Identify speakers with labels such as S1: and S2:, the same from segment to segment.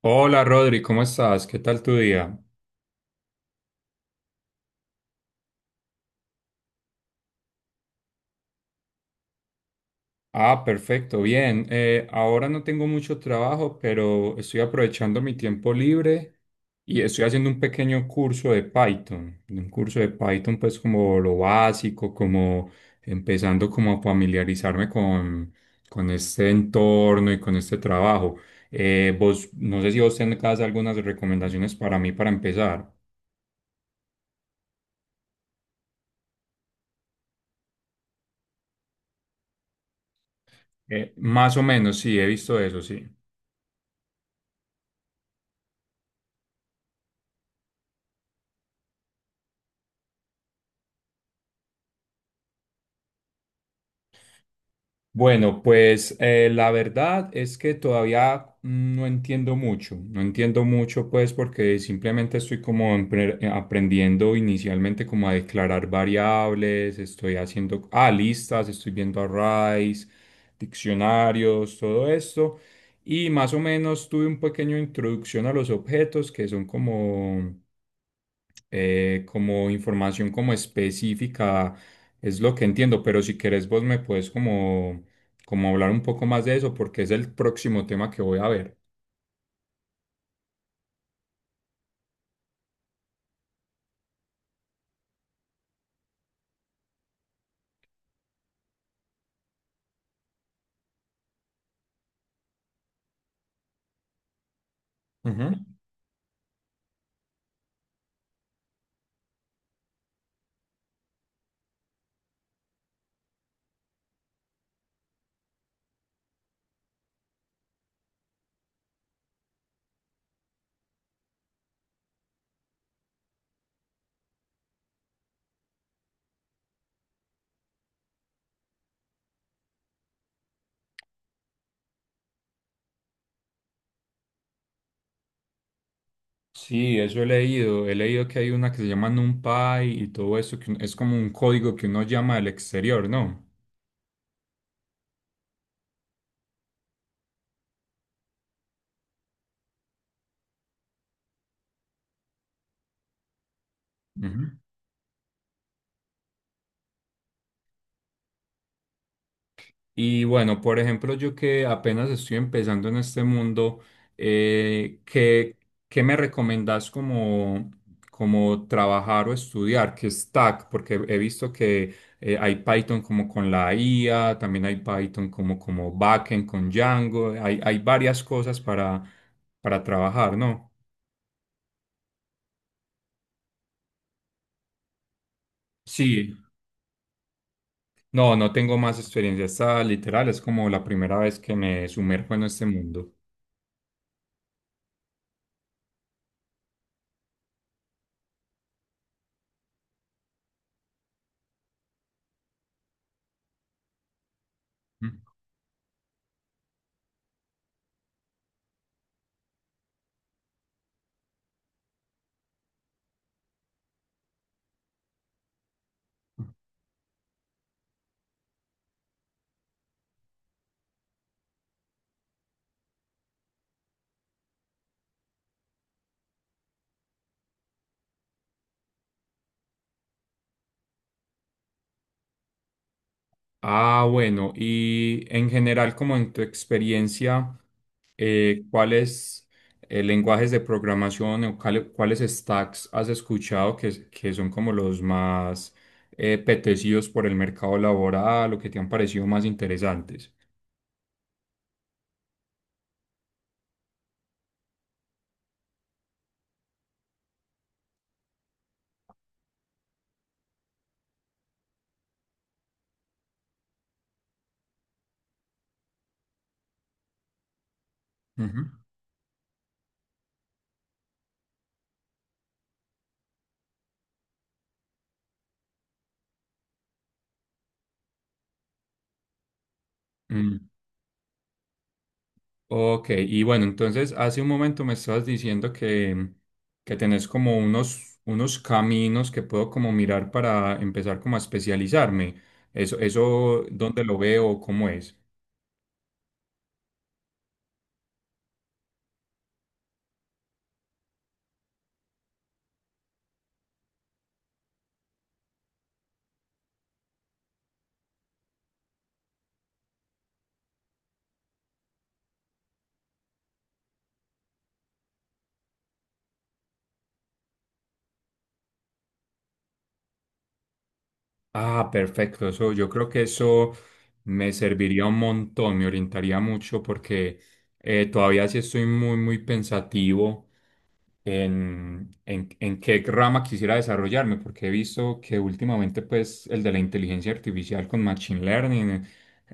S1: Hola Rodri, ¿cómo estás? ¿Qué tal tu día? Ah, perfecto, bien. Ahora no tengo mucho trabajo, pero estoy aprovechando mi tiempo libre y estoy haciendo un pequeño curso de Python. Un curso de Python pues como lo básico, como empezando como a familiarizarme con este entorno y con este trabajo. Vos, no sé si vos tenés algunas recomendaciones para mí para empezar. Más o menos, sí, he visto eso, sí. Bueno, pues la verdad es que todavía no entiendo mucho, no entiendo mucho pues porque simplemente estoy como aprendiendo inicialmente como a declarar variables, estoy haciendo listas, estoy viendo arrays, diccionarios, todo esto y más o menos tuve un pequeño introducción a los objetos que son como como información como específica, es lo que entiendo, pero si querés vos me puedes como hablar un poco más de eso porque es el próximo tema que voy a ver. Ujú. Sí, eso he leído. He leído que hay una que se llama NumPy y todo eso, que es como un código que uno llama al exterior, ¿no? Ujú. Y bueno, por ejemplo, yo que apenas estoy empezando en este mundo, eh, ¿qué, ¿qué me recomendás como trabajar o estudiar? ¿Qué stack? Porque he visto que hay Python como con la IA, también hay Python como backend con Django, hay varias cosas para trabajar, ¿no? Sí, no tengo más experiencia, esta literal es como la primera vez que me sumerjo en este mundo. Ah, bueno, y en general, como en tu experiencia, ¿cuáles lenguajes de programación o cuáles stacks has escuchado que son como los más apetecidos por el mercado laboral o que te han parecido más interesantes? Ujú. Ok, y bueno, entonces hace un momento me estabas diciendo que tenés como unos caminos que puedo como mirar para empezar como a especializarme. Eso, ¿dónde lo veo? ¿Cómo es? Ah, perfecto. Eso, yo creo que eso me serviría un montón, me orientaría mucho porque todavía sí estoy muy, muy pensativo en qué rama quisiera desarrollarme, porque he visto que últimamente pues el de la inteligencia artificial con machine learning eh,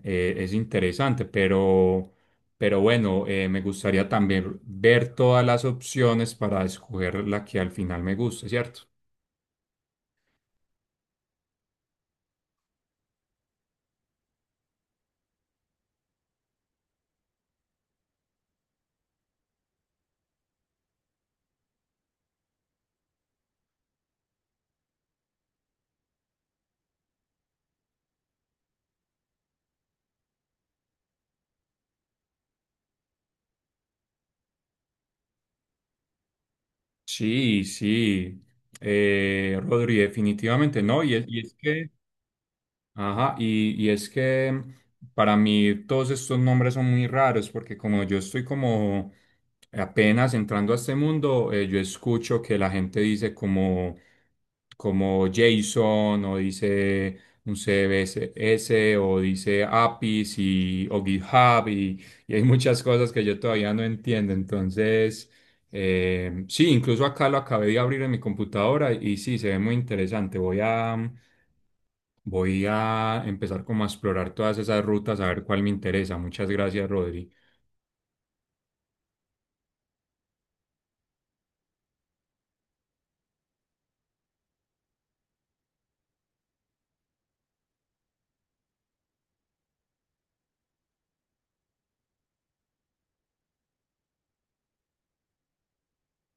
S1: eh, es interesante, pero bueno, me gustaría también ver todas las opciones para escoger la que al final me guste, ¿cierto? Sí, sí, Rodri, definitivamente no, y es que... Ajá, y es que para mí todos estos nombres son muy raros porque como yo estoy como apenas entrando a este mundo, yo escucho que la gente dice como Jason o dice un CBSS o dice APIs o GitHub y hay muchas cosas que yo todavía no entiendo. Entonces, sí, incluso acá lo acabé de abrir en mi computadora y sí, se ve muy interesante. Voy a... Voy a empezar como a explorar todas esas rutas, a ver cuál me interesa. Muchas gracias, Rodri.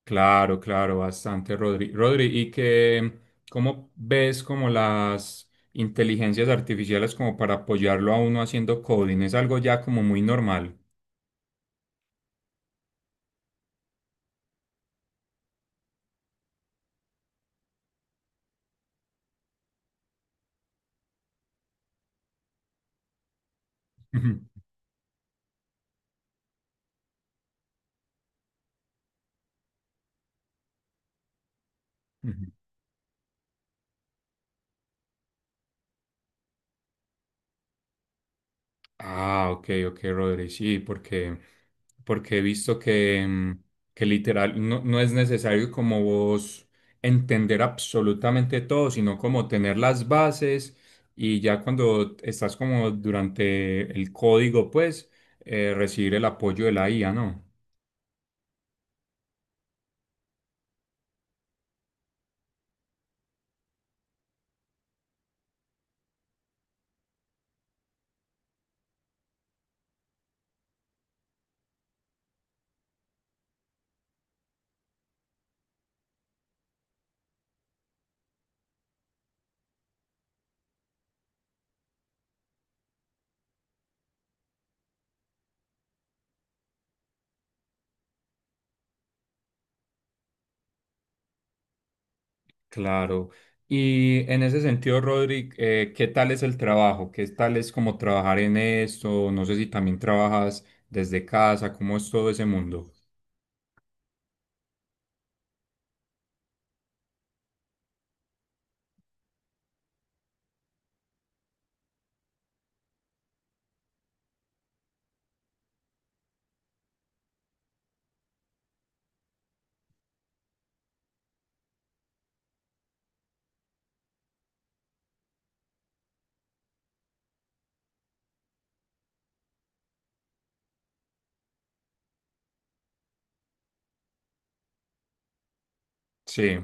S1: Claro, claro, bastante, Rodri. Rodri, ¿cómo ves como las inteligencias artificiales como para apoyarlo a uno haciendo coding? Es algo ya como muy normal. Ah, ok, ok, Rodri, sí, porque he visto que, que literal no es necesario como vos entender absolutamente todo, sino como tener las bases y ya cuando estás como durante el código, pues recibir el apoyo de la IA, ¿no? Claro. Y en ese sentido, Rodri, ¿qué tal es el trabajo? ¿Qué tal es como trabajar en esto? No sé si también trabajas desde casa, ¿cómo es todo ese mundo? Sí.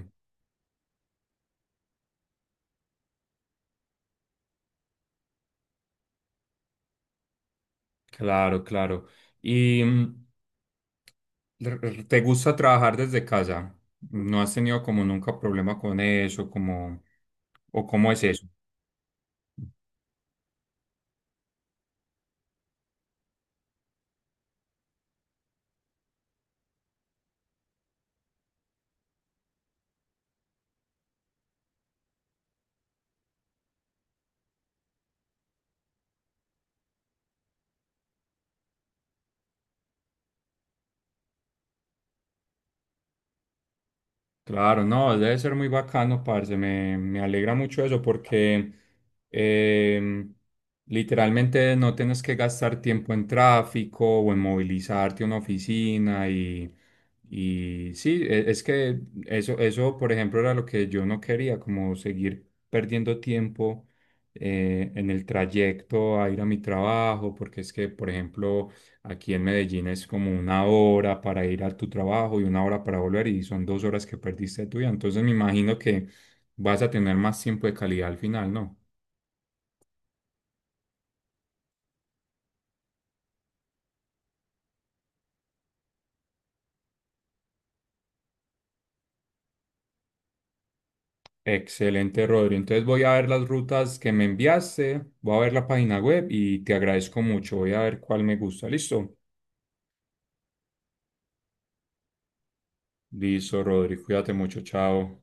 S1: Claro, claro. ¿Y te gusta trabajar desde casa? ¿No has tenido como nunca problema con eso? Como, ¿o cómo es eso? Claro, no, debe ser muy bacano, parce. Me alegra mucho eso porque em, literalmente no tienes que gastar tiempo en tráfico o en movilizarte a una oficina y sí, es que eso, por ejemplo, era lo que yo no quería, como seguir perdiendo tiempo en el trayecto a ir a mi trabajo, porque es que, por ejemplo, aquí en Medellín es como 1 hora para ir a tu trabajo y 1 hora para volver y son 2 horas que perdiste de tu vida. Entonces me imagino que vas a tener más tiempo de calidad al final, ¿no? Excelente, Rodri. Entonces voy a ver las rutas que me enviaste, voy a ver la página web y te agradezco mucho. Voy a ver cuál me gusta. ¿Listo? Listo, Rodri. Cuídate mucho. Chao.